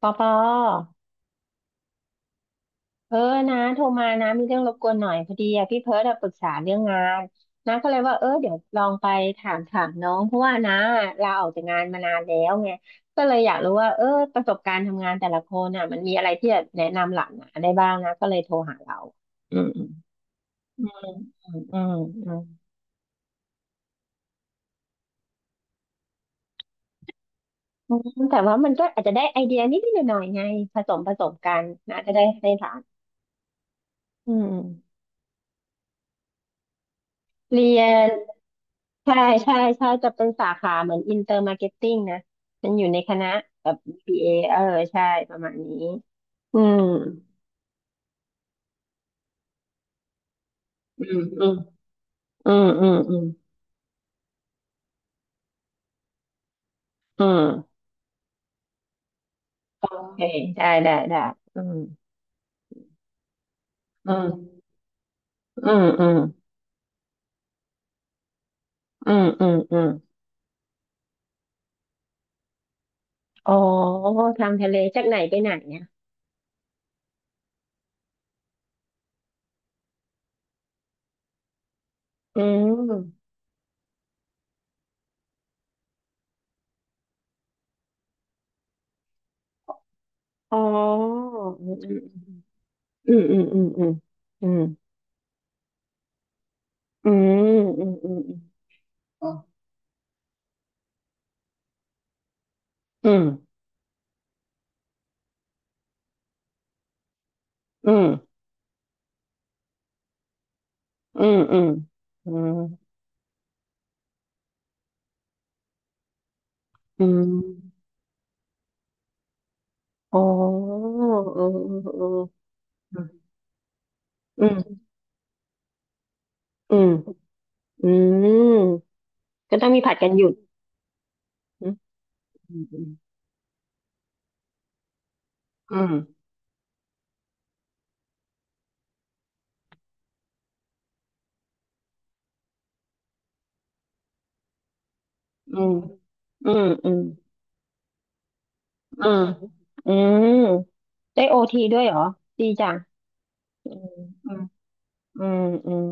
ปอปอเออนะโทรมานะมีเรื่องรบกวนหน่อยพอดีอะพี่เพิร์ดอะปรึกษาเรื่องงานนะก็เลยว่าเดี๋ยวลองไปถามน้องเพราะว่านะลาออกจากงานมานานแล้วไงก็เลยอยากรู้ว่าประสบการณ์ทำงานแต่ละคนน่ะมันมีอะไรที่จะแนะนำหลานะได้บ้างนะก็เลยโทรหาเราอืมอืมอืมอืมอืมอืมอืมแต่ว่ามันก็อาจจะได้ไอเดียนิดหน่อยๆไงผสมกันนะจะได้ให้หลานอืมเรียน ใช่ใช่จะเป็นสาขาเหมือนอินเตอร์มาร์เก็ตติ้งนะมันอยู่ในคณะแบบ บีเออใช่ประมาณนี้อืมอืมอืมอืมอืมอืมอืมโอเคได้ได้อืมอืมอืมอืมอืมอืมอืมอ๋อทางทะเลจากไหนไปไหนเนี่ยอืมอ๋อืมอืมอืมอืมอืมอืมอืมอืมอืมอืมอืมอืมอืมอืมอืมอืม อ๋อเออเออเอออืมอืมอืมก็ต้องมีผัดกันหยุดอืมอืมอืมอืมอืมอืมอืมอืมอืมได้โอทีด้วยเหรอ ดีจังอืมอืมอืม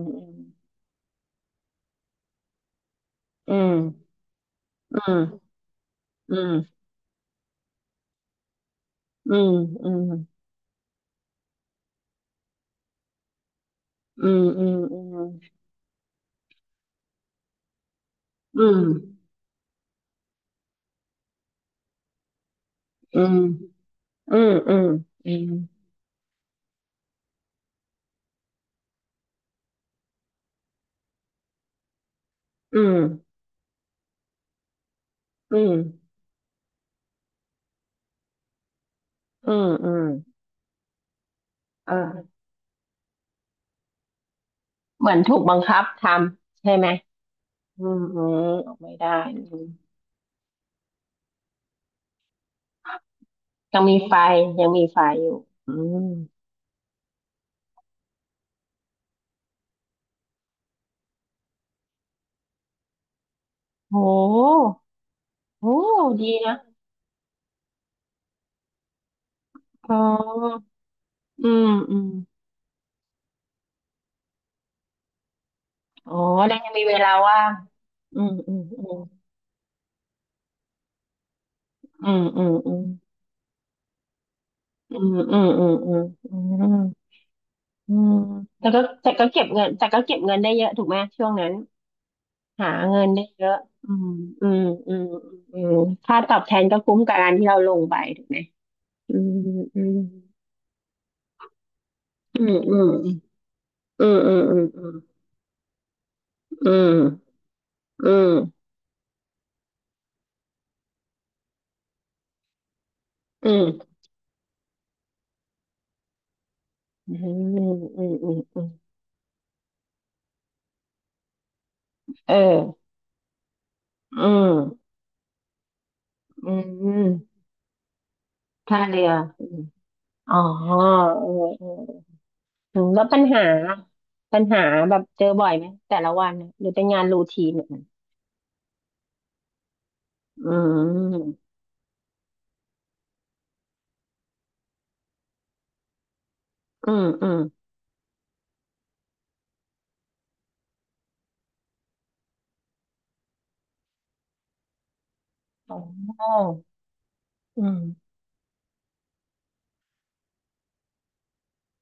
อืมอืมอืมอืมอืมอืมอืมอืมอืมอืมอืมอืมอืมอืมอืมอืมอืมเออเหมือนถูกบังคับทำใช่ไหม อืมอืมออกไม่ได้อืมยังมีไฟอยู่อืมโหโหดีนะอ๋ออืมอืมอ๋อแล้วยังมีเวลาว่างอืมอืมอืมอืมอืมอืมอืมอืมอืมอืมอืมอืมแต่ก็เก็บเงินแต่ก็เก็บเงินได้เยอะถูกไหมช่วงนั้นหาเงินได้เยอะอืมอืมอืมอืมค่าตอบแทนก็คุ้มกับการที่เราลงไปถูกไหมอืมอืมอืมอืม อืมอืมอืมอืมอืมอืมอืมอืมอืมอืมเอออืมอืมท่าเรืออืมอ๋อเออเอออืมแล้วปัญหาปัญหาแบบเจอบ่อยไหมแต่ละวันน่ะหรือเป็นงานรูทีนเนี่ยอืมอืมอืมอ๋ออืม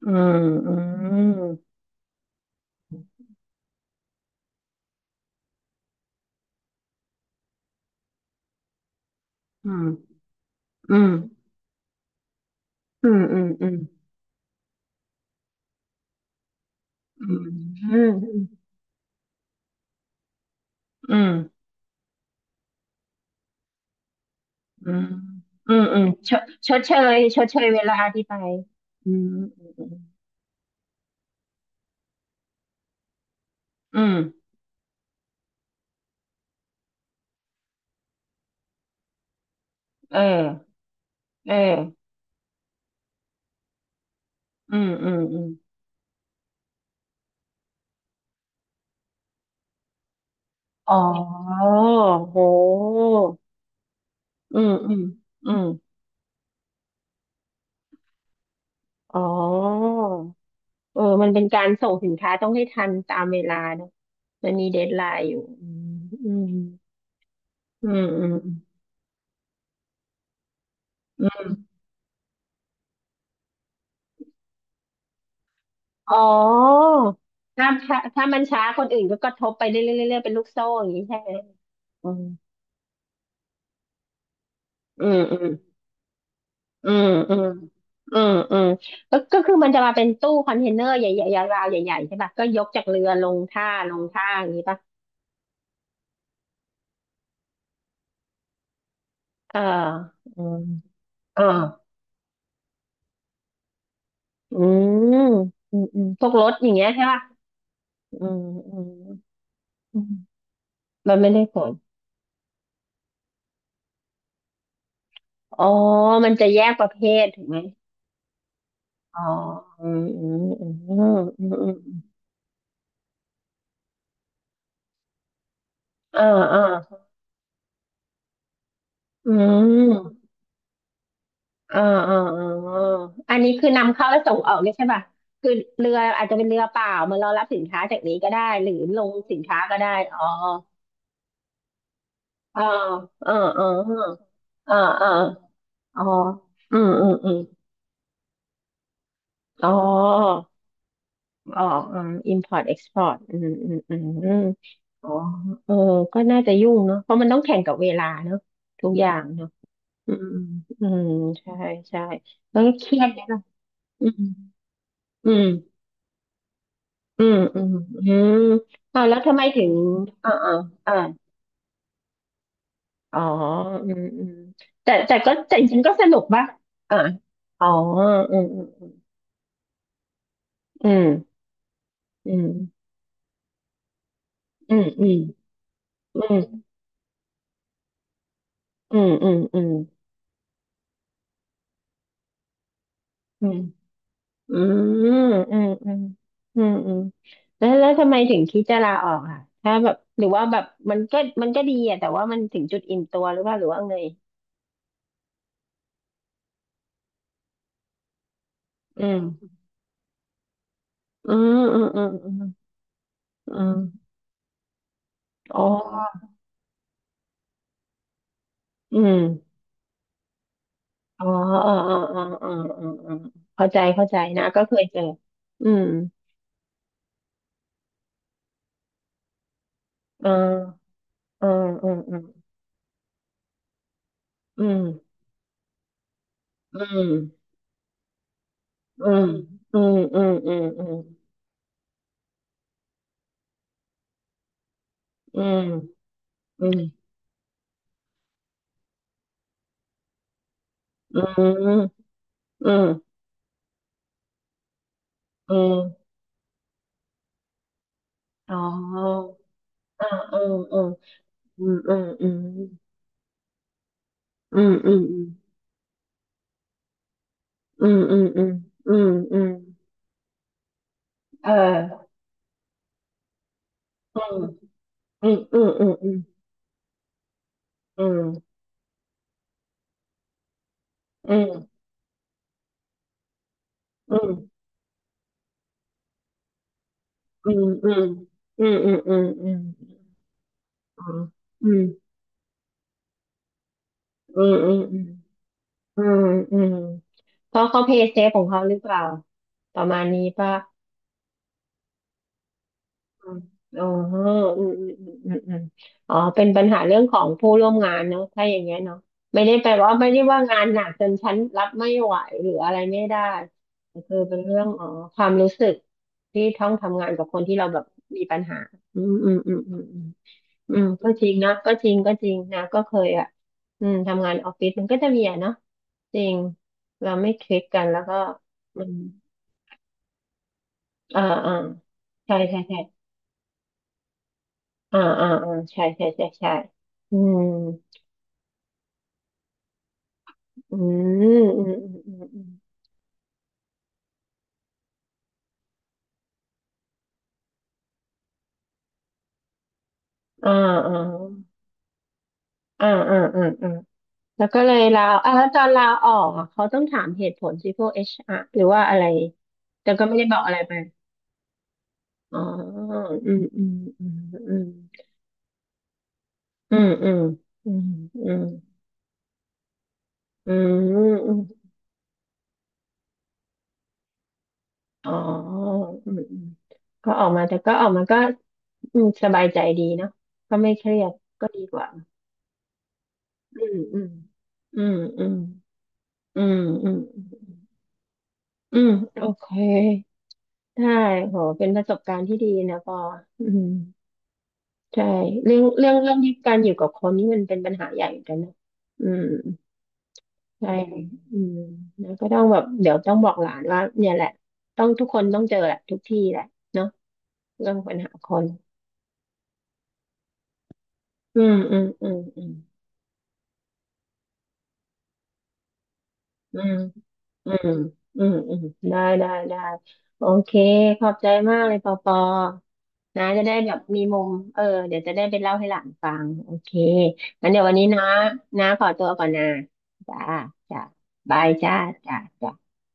อืมอืมอืมอืมอืมอืมอืมอืมอืมอืม อืมอืมอืมชดชดเชยเวลาที่ไปอืมอืมอืมเออเอออืมอืมอืมอ๋อโหอืมอืมอืมอ๋อเออมันเป็นการส่งสินค้าต้องให้ทันตามเวลาเนอะมันมีเดดไลน์อยู่อืมอืมอืมอืมอืมอ๋อถ้ามันช้าคนอื่นก็กระทบไปเรื่อยๆเรื่อยๆเป็นลูกโซ่อย่างนี้ใช่ไหมอืมอืม อืมอืมอืมอืมก็คือมันจะมาเป็นตู้คอนเทนเนอร์ใหญ่ๆยาวๆใหญ่ๆใช่ป่ะก็ยกจากเรือลงท่าอย่างนี้ป่ะเอออืมเอออืมอืม อืม พวกรถอย่างเงี้ยใช่ป่ะอืมอืมอืมมันไม่ได้ผลอ๋อมันจะแยกประเภทถูกไหมอ๋ออืมอืมอืมอืมอืมอืมอ่าอ่าอืม เออเออเอออันนี้คือนำเข้าและส่งออกเนี่ยใช่ป่ะคือเรืออาจจะเป็นเรือเปล่ามาเรารับสินค้าจากนี้ก็ได้หรือลงสินค้าก็ได้อ๋อเออเออเออเออเอออ๋ออืมอืมอืมอ๋ออ๋ออืม import export อืมอืมอืมอืมอ๋อเออก็น่าจะยุ่งเนาะเพราะมันต้องแข่งกับเวลาเนาะทุกอย่างเนาะอืมอืมใช่ใช่แล้วเครียดไหมล่ะอืมอืม อืมอืมอืมอ่าวแล้วทำไมถึงอ่าอ่าอ่าอ๋ออืมอืมแต่แต่ก็แต่จริงๆก็สนุกป่ะอ่าอ๋ออืมอืมอืมอืมอืมอืมอืมอืมอืมอืมอืมอืมอืมอืมอืมแล้วทำไมถึงคิดจะลาออกอ่ะถ้าแบบหรือว่าแบบมันก็ดีอ่ะแต่ว่ามันถึงจุดอิ่มตัวหรือว่าไงอืมอืมอืมอืมอืมอมอ๋ออืม อ๋ออ๋ออ๋ออ๋ออ๋ออ๋ออ๋อเข้าใจนะก็เคยเจออืมอ่าอ่าอืมอืมอืมอืมอืมอืมอืมอืมอืมอืมอืมอืมอืมอมอ๋ออ่าอืมอืมอืมอืมอืมอืมอืมอืมอืมอืมอืมอืมเอออืมอืมอืมอืมอืมอืมอืมอืมอืมอืมอืมอืมอืมอืม อืมอืมอืมอืมอืมเพราะเขาเพย์เซฟของเขาหรือเปล่าประมาณนี้ป่ะอืมอ๋ออืมอืมอืมอืมอืมอ๋อเป็นปัญหาเรื่องของผู้ร่วมงานเนอะถ้าอย่างเงี้ยเนาะไม่ได้แปลว่าไม่ได้ว่างานหนักจนฉันรับไม่ไหวหรืออะไรไม่ได้แต่คือเป็นเรื่องอ๋อความรู้สึกที่ต้องทำงานกับคนที่เราแบบมีปัญหาอืมอืมอืมอืมอืม อืมก็จริงนะก็จริงนะก็เคยอ่ะอืมทำงานออฟฟิศมันก็จะมีอ่ะเนาะจริงเราไม่คลิกกันแล้วก็มันอ่าอ่าใช่ใช่อ่าอ่าอ่าใช่ใช่อืมอืมอืมอืมอืมอืมอ่าอ่าอ่าอ่าอ่าอ่าแล้วก็เลยลาอ่าแล้วตอนลาออกอ่ะเขาต้องถามเหตุผลสิพวกเอชอาร์หรือว่าอะไรแต่ก็ไม่ได้บอกอะไรไปอ๋ออืมอืมอืมอืม อืมอืมอืมอืมอืมอืมอ๋ออืมอืมก็ออกมาแต่ก็ออกมาก็อืมสบายใจดีเนาะก็ไม่เครียดก็ดีกว่าอืมอืมอืมอืมอืมอืมอืมโอเคได้โหเป็นประสบการณ์ที่ดีนะปออืมใช่เรื่องเรื่องที่การอยู่กับคนนี่มันเป็นปัญหาใหญ่เหมือนกันนะอืม ใช่อืมแล้วก็ต้องแบบเดี๋ยวต้องบอกหลานว่าเนี่ยแหละต้องทุกคนต้องเจอแหละทุกที่แหละเนาะเรื่องปัญหาคน อืมอืมอืมอืมอืมอืมอืมอืมได้ได้โอเคขอบใจมากเลยปอปอนะจะได้แบบมีมุมเออเดี๋ยวจะได้ไปเล่าให้หลานฟังโอเคงั้นเดี๋ยววันนี้นะนะขอตัวก่อนนะจ้าจ้าบายจ้าจ้าจ้า